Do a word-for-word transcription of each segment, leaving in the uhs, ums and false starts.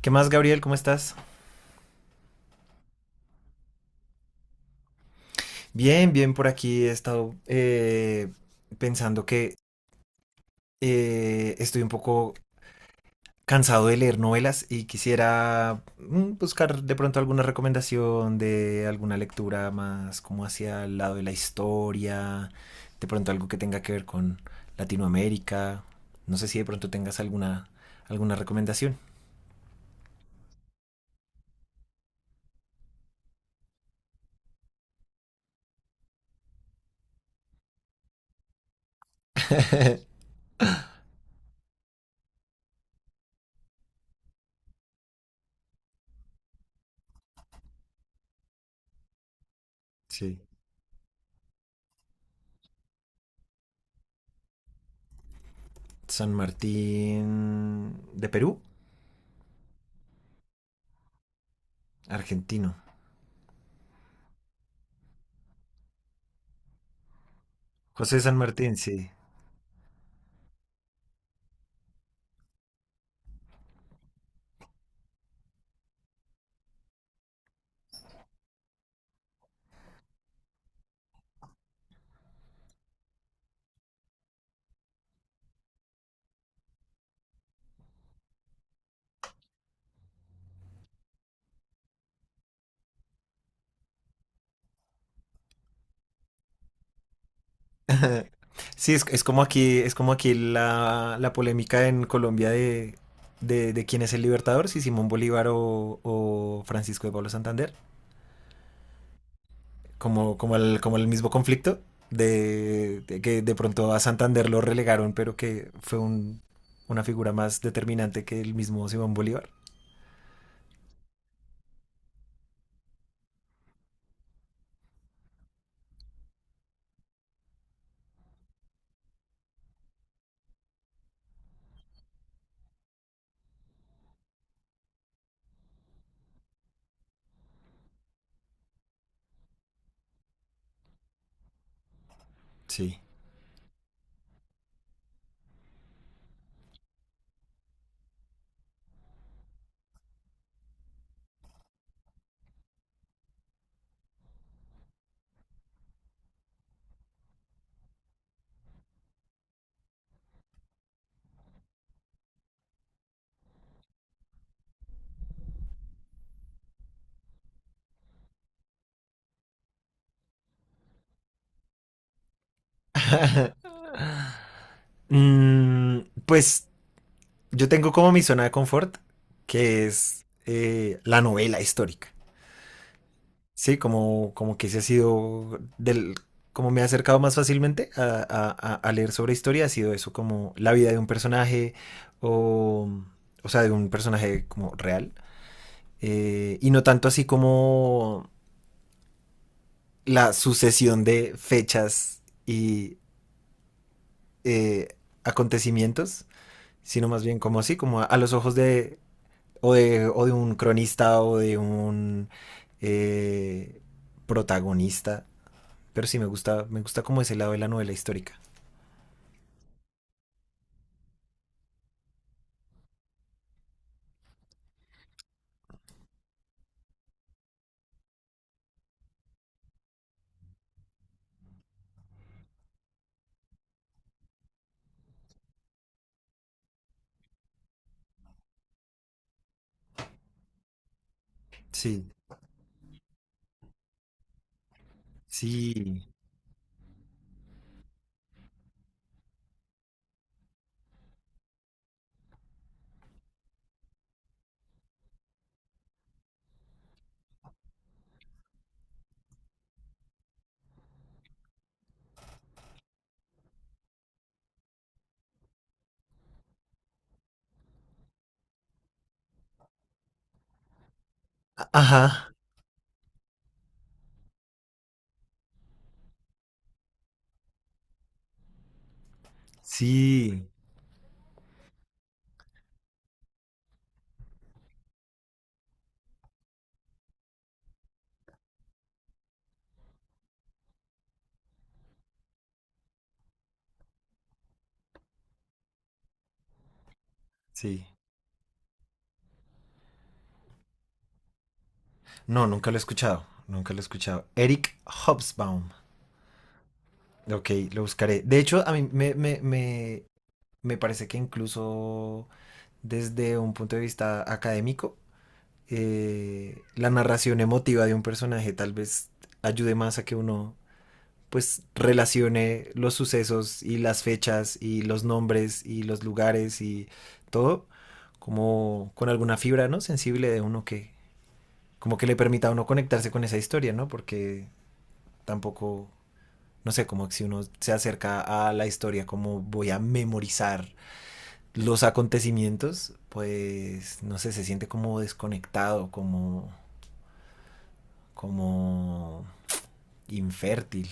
¿Qué más, Gabriel? ¿Cómo estás? Bien, bien por aquí. He estado eh, pensando que eh, estoy un poco cansado de leer novelas y quisiera mm, buscar de pronto alguna recomendación de alguna lectura más como hacia el lado de la historia, de pronto algo que tenga que ver con Latinoamérica. No sé si de pronto tengas alguna, alguna recomendación. Sí. San Martín de Perú, argentino. José San Martín, sí. Ajá. Sí, es, es como aquí, es como aquí la, la polémica en Colombia de, de, de quién es el libertador, si Simón Bolívar o, o Francisco de Pablo Santander, como, como el, como el mismo conflicto de, de que de pronto a Santander lo relegaron, pero que fue un, una figura más determinante que el mismo Simón Bolívar. Sí. Mm, pues yo tengo como mi zona de confort, que es eh, la novela histórica. Sí, como, como que ese ha sido del, como me he acercado más fácilmente a, a- a- a leer sobre historia, ha sido eso, como la vida de un personaje, o, o sea, de un personaje como real, eh, y no tanto así como la sucesión de fechas y eh, acontecimientos, sino más bien como así, como a, a los ojos de o, de, o de un cronista o de un eh, protagonista. Pero sí, me gusta, me gusta como ese lado de la novela histórica. Sí, sí. a- Ajá, sí, sí. No, nunca lo he escuchado, nunca lo he escuchado. Eric Hobsbawm. Ok, lo buscaré. De hecho, a mí me, me, me, me parece que incluso desde un punto de vista académico, eh, la narración emotiva de un personaje tal vez ayude más a que uno pues relacione los sucesos y las fechas y los nombres y los lugares y todo como con alguna fibra, ¿no? Sensible de uno que como que le permita a uno conectarse con esa historia, ¿no? Porque tampoco, no sé, como que si uno se acerca a la historia, como voy a memorizar los acontecimientos, pues, no sé, se siente como desconectado, como, como infértil.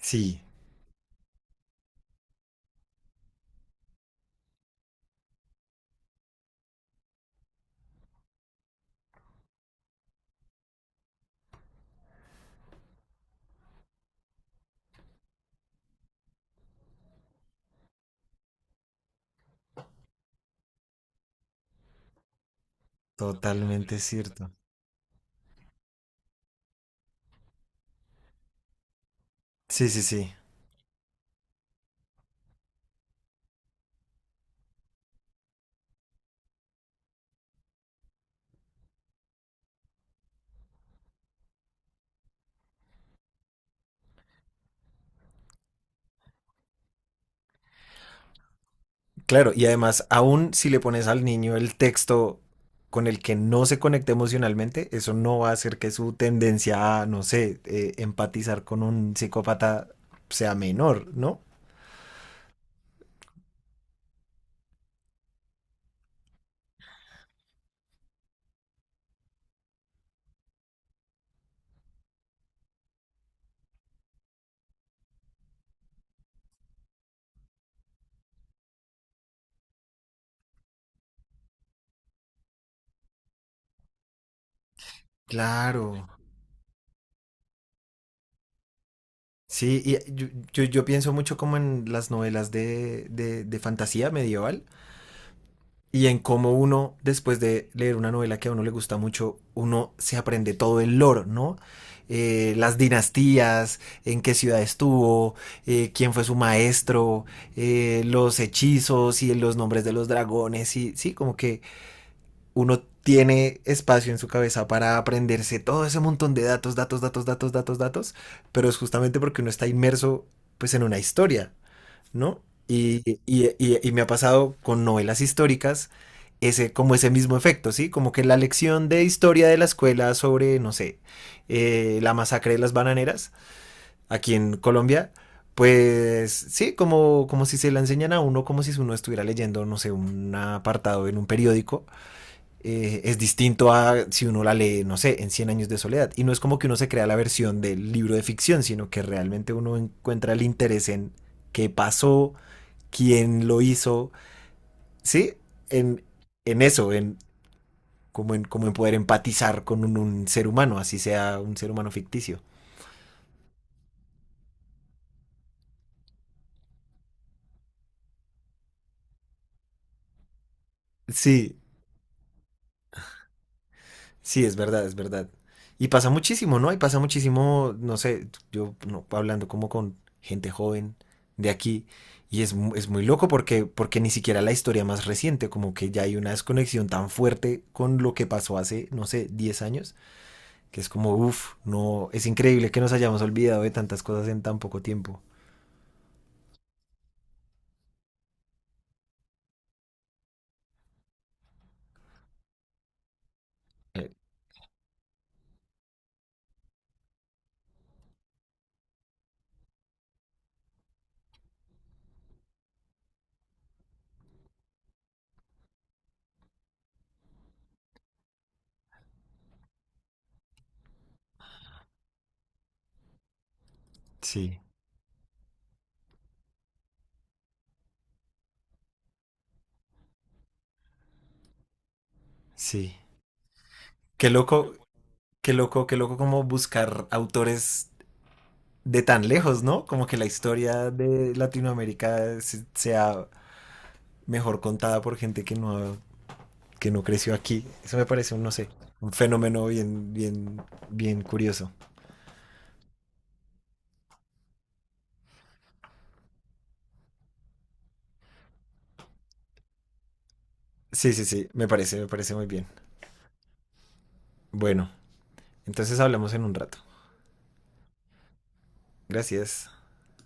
Sí, totalmente cierto. Sí, sí, sí. Claro, y además, aún si le pones al niño el texto con el que no se conecte emocionalmente, eso no va a hacer que su tendencia a, no sé, eh, empatizar con un psicópata sea menor, ¿no? Claro. Sí, y yo, yo, yo pienso mucho como en las novelas de, de, de fantasía medieval, y en cómo uno, después de leer una novela que a uno le gusta mucho, uno se aprende todo el lore, ¿no? Eh, las dinastías, en qué ciudad estuvo, eh, quién fue su maestro, eh, los hechizos y los nombres de los dragones, y sí, como que uno tiene espacio en su cabeza para aprenderse todo ese montón de datos, datos, datos, datos, datos, datos, pero es justamente porque uno está inmerso pues en una historia, ¿no? Y, y- y- y me ha pasado con novelas históricas ese, como ese mismo efecto, ¿sí? Como que la lección de historia de la escuela sobre, no sé, eh, la masacre de las bananeras aquí en Colombia, pues sí, como, como si se la enseñan a uno, como si uno estuviera leyendo, no sé, un apartado en un periódico. Eh, es distinto a si uno la lee, no sé, en Cien años de soledad. Y no es como que uno se crea la versión del libro de ficción, sino que realmente uno encuentra el interés en qué pasó, quién lo hizo, ¿sí? En, en eso, en como, en como en poder empatizar con un, un ser humano, así sea un ser humano ficticio. Sí, sí, es verdad, es verdad. Y pasa muchísimo, ¿no? Y pasa muchísimo, no sé, yo no, hablando como con gente joven de aquí, y es, mu- es, muy loco porque, porque ni siquiera la historia más reciente, como que ya hay una desconexión tan fuerte con lo que pasó hace, no sé, diez años, que es como, uff, no, es increíble que nos hayamos olvidado de tantas cosas en tan poco tiempo. Eh, sí, sí. Qué loco, qué loco, qué loco como buscar autores de tan lejos, ¿no? Como que la historia de Latinoamérica se- sea mejor contada por gente que no, que no creció aquí. Eso me parece un, no sé, un fenómeno bien, bien, bien curioso. Sí, sí, sí, me parece, me parece muy bien. Bueno, entonces hablamos en un rato. Gracias.